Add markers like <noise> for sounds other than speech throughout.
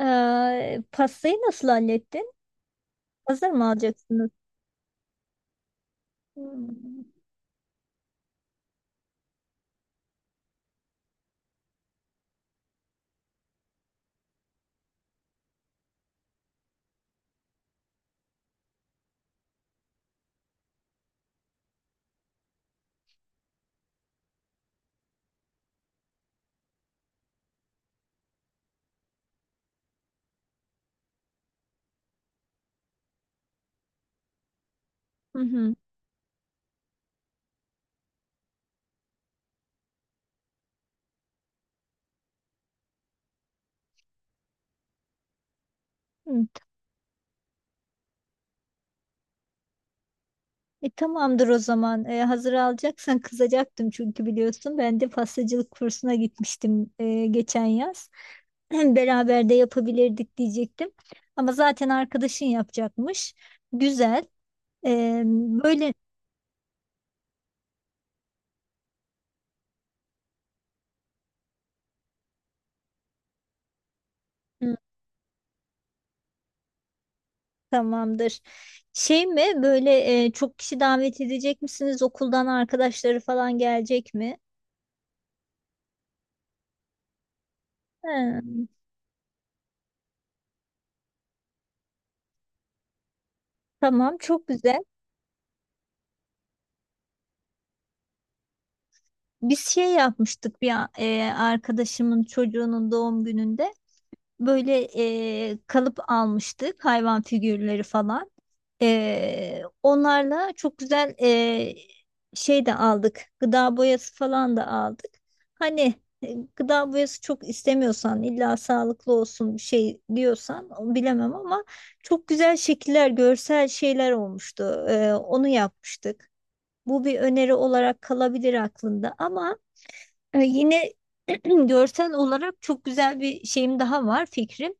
Pastayı nasıl hallettin? Hazır mı alacaksınız? Hmm. Hı hı. Hı. Tamamdır o zaman. Hazır alacaksan kızacaktım, çünkü biliyorsun ben de pastacılık kursuna gitmiştim geçen yaz. <clears throat> Beraber de yapabilirdik diyecektim. Ama zaten arkadaşın yapacakmış. Güzel. E, Böyle. Hı, tamamdır. Şey mi böyle, çok kişi davet edecek misiniz? Okuldan arkadaşları falan gelecek mi? Hı. Tamam, çok güzel. Biz şey yapmıştık, arkadaşımın çocuğunun doğum gününde böyle, kalıp almıştık, hayvan figürleri falan. Onlarla çok güzel, şey de aldık, gıda boyası falan da aldık. Hani, gıda boyası çok istemiyorsan, illa sağlıklı olsun bir şey diyorsan, o bilemem ama çok güzel şekiller, görsel şeyler olmuştu. Onu yapmıştık. Bu bir öneri olarak kalabilir aklında ama yine <clears throat> görsel olarak çok güzel bir şeyim daha var, fikrim.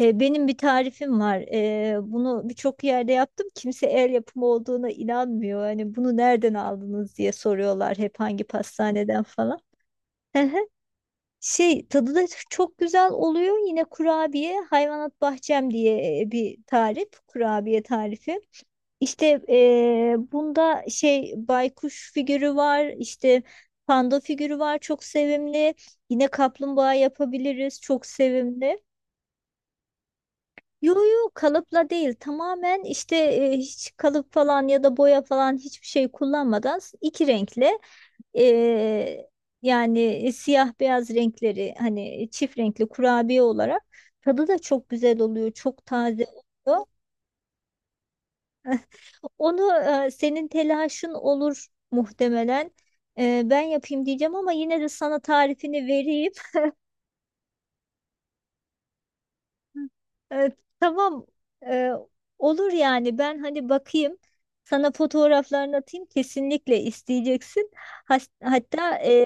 Benim bir tarifim var. Bunu birçok yerde yaptım. Kimse el yapımı olduğuna inanmıyor. Hani bunu nereden aldınız diye soruyorlar hep, hangi pastaneden falan. Hı hı. Şey, tadı da çok güzel oluyor. Yine, kurabiye hayvanat bahçem diye bir tarif. Kurabiye tarifi. İşte bunda şey, baykuş figürü var, işte panda figürü var, çok sevimli. Yine kaplumbağa yapabiliriz, çok sevimli. Yo, yo, kalıpla değil, tamamen işte hiç kalıp falan ya da boya falan, hiçbir şey kullanmadan, iki renkle eee, yani siyah beyaz renkleri, hani çift renkli kurabiye olarak, tadı da çok güzel oluyor, çok taze oluyor. Onu, senin telaşın olur muhtemelen. Ben yapayım diyeceğim ama yine de sana tarifini vereyim. E, tamam, e, olur yani. Ben hani bakayım, sana fotoğraflarını atayım, kesinlikle isteyeceksin. Hatta,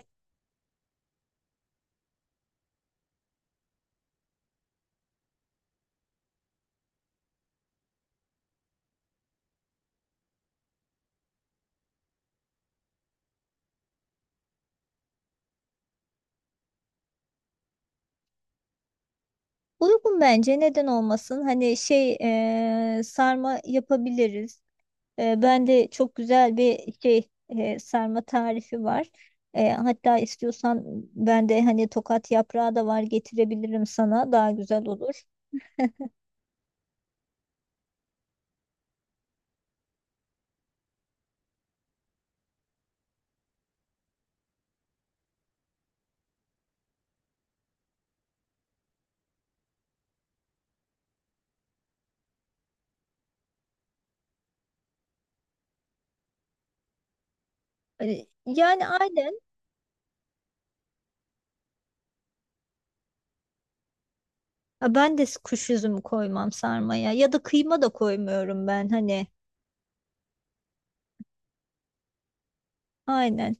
uygun bence, neden olmasın hani şey, sarma yapabiliriz. Ben de çok güzel bir şey, sarma tarifi var. Hatta istiyorsan ben de hani tokat yaprağı da var, getirebilirim sana, daha güzel olur. Yani aynen. Ha, ben de kuş üzümü koymam sarmaya, ya da kıyma da koymuyorum ben, hani aynen.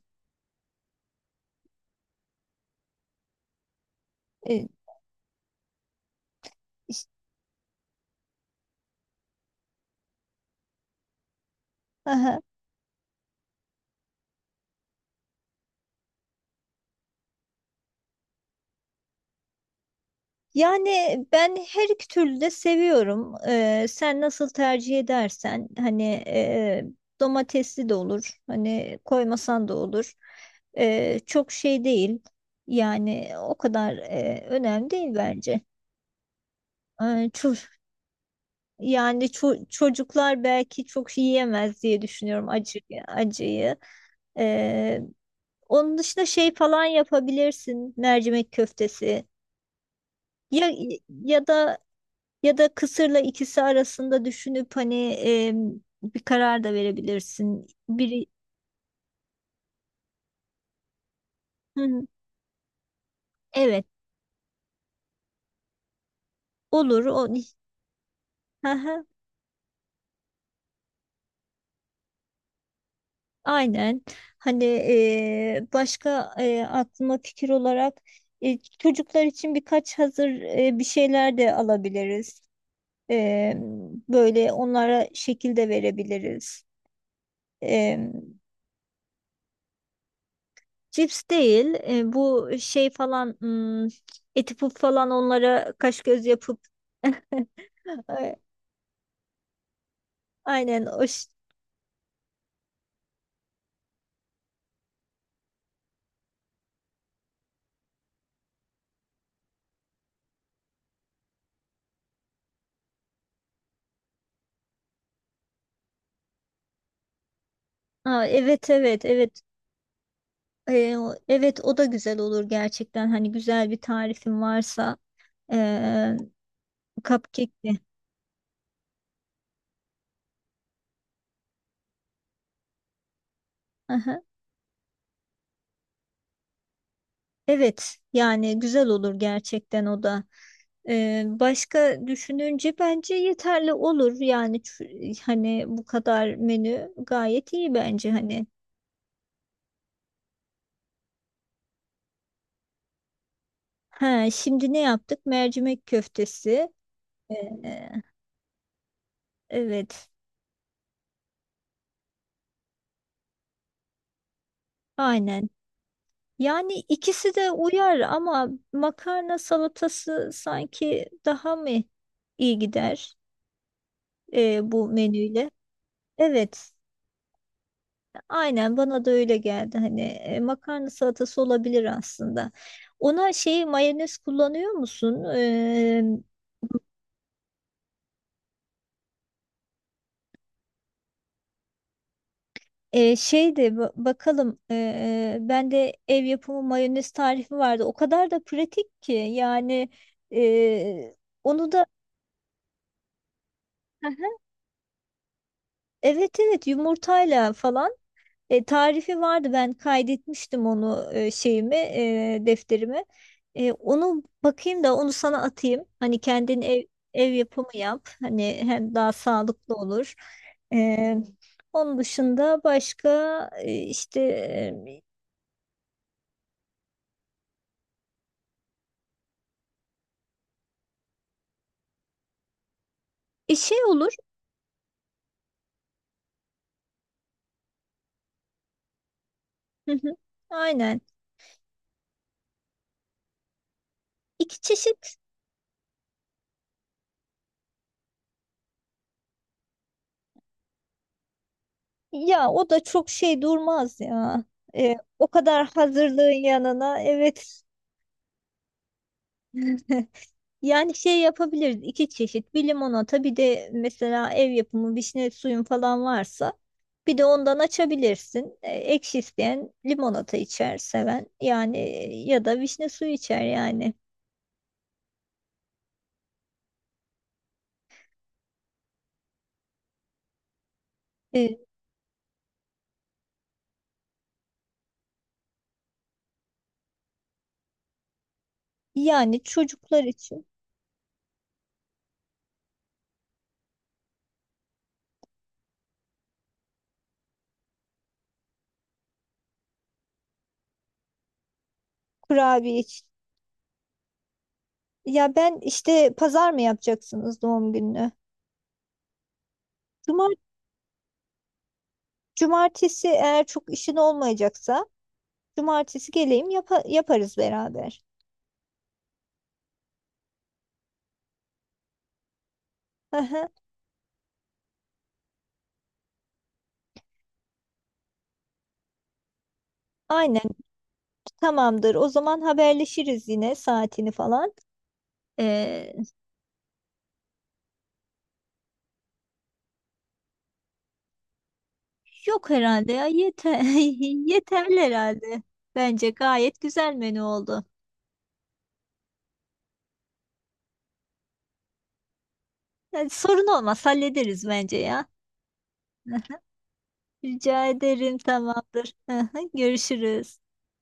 E, işte, yani ben her iki türlü de seviyorum. Sen nasıl tercih edersen hani, domatesli de olur. Hani koymasan da olur. Çok şey değil. Yani o kadar önemli değil bence. Ee, ço- Yani çocuklar belki çok yiyemez diye düşünüyorum, acı acıyı. Ee, Onun dışında şey falan yapabilirsin. Mercimek köftesi. Ya, ya da Ya da kısırla ikisi arasında düşünüp hani bir karar da verebilirsin. Biri. Hı hı. Evet, olur o. Hı hı, aynen. Hani başka, aklıma fikir olarak, çocuklar için birkaç hazır, bir şeyler de alabiliriz. E, Böyle onlara şekil de verebiliriz. E, Cips değil, bu şey falan, eti puf falan onlara kaş göz yapıp. <laughs> Aynen o Aa, evet, evet, evet. Evet, o da güzel olur gerçekten, hani güzel bir tarifin varsa ee, cupcake de. Aha. Evet, yani güzel olur gerçekten o da. Başka düşününce bence yeterli olur yani, hani bu kadar menü gayet iyi bence hani. Ha, şimdi ne yaptık? Mercimek köftesi. Ee, evet, aynen. Yani ikisi de uyar ama makarna salatası sanki daha mı iyi gider bu menüyle? Evet, aynen, bana da öyle geldi. Hani makarna salatası olabilir aslında. Ona şey, mayonez kullanıyor musun? Şey de bakalım, bende ev yapımı mayonez tarifi vardı. O kadar da pratik ki yani, e, onu da. <laughs> Evet, evet, yumurtayla falan. Tarifi vardı, ben kaydetmiştim onu, şeyimi, defterimi. Onu bakayım da onu sana atayım. Hani kendin ev yapımı yap. Hani hem daha sağlıklı olur. E, Onun dışında başka, işte, şey olur. Hı hı. Aynen. İki çeşit. Ya, o da çok şey durmaz ya. O kadar hazırlığın yanına, evet. <laughs> Yani şey yapabiliriz, iki çeşit: bir limonata, bir de mesela ev yapımı vişne suyun falan varsa bir de ondan açabilirsin. Ekşi isteyen limonata içer, seven yani, ya da vişne suyu içer yani. E, Yani çocuklar için, kurabiye için. Ya ben işte, pazar mı yapacaksınız doğum gününü? Cuma, cumartesi, eğer çok işin olmayacaksa cumartesi geleyim, yaparız beraber. Hı hı. Aynen. Tamamdır. O zaman haberleşiriz yine, saatini falan. Ee, Yok herhalde ya, yeter <laughs> yeterli herhalde. Bence gayet güzel menü oldu. Yani sorun olmaz, hallederiz bence ya. <laughs> Rica ederim, tamamdır. <laughs> Görüşürüz.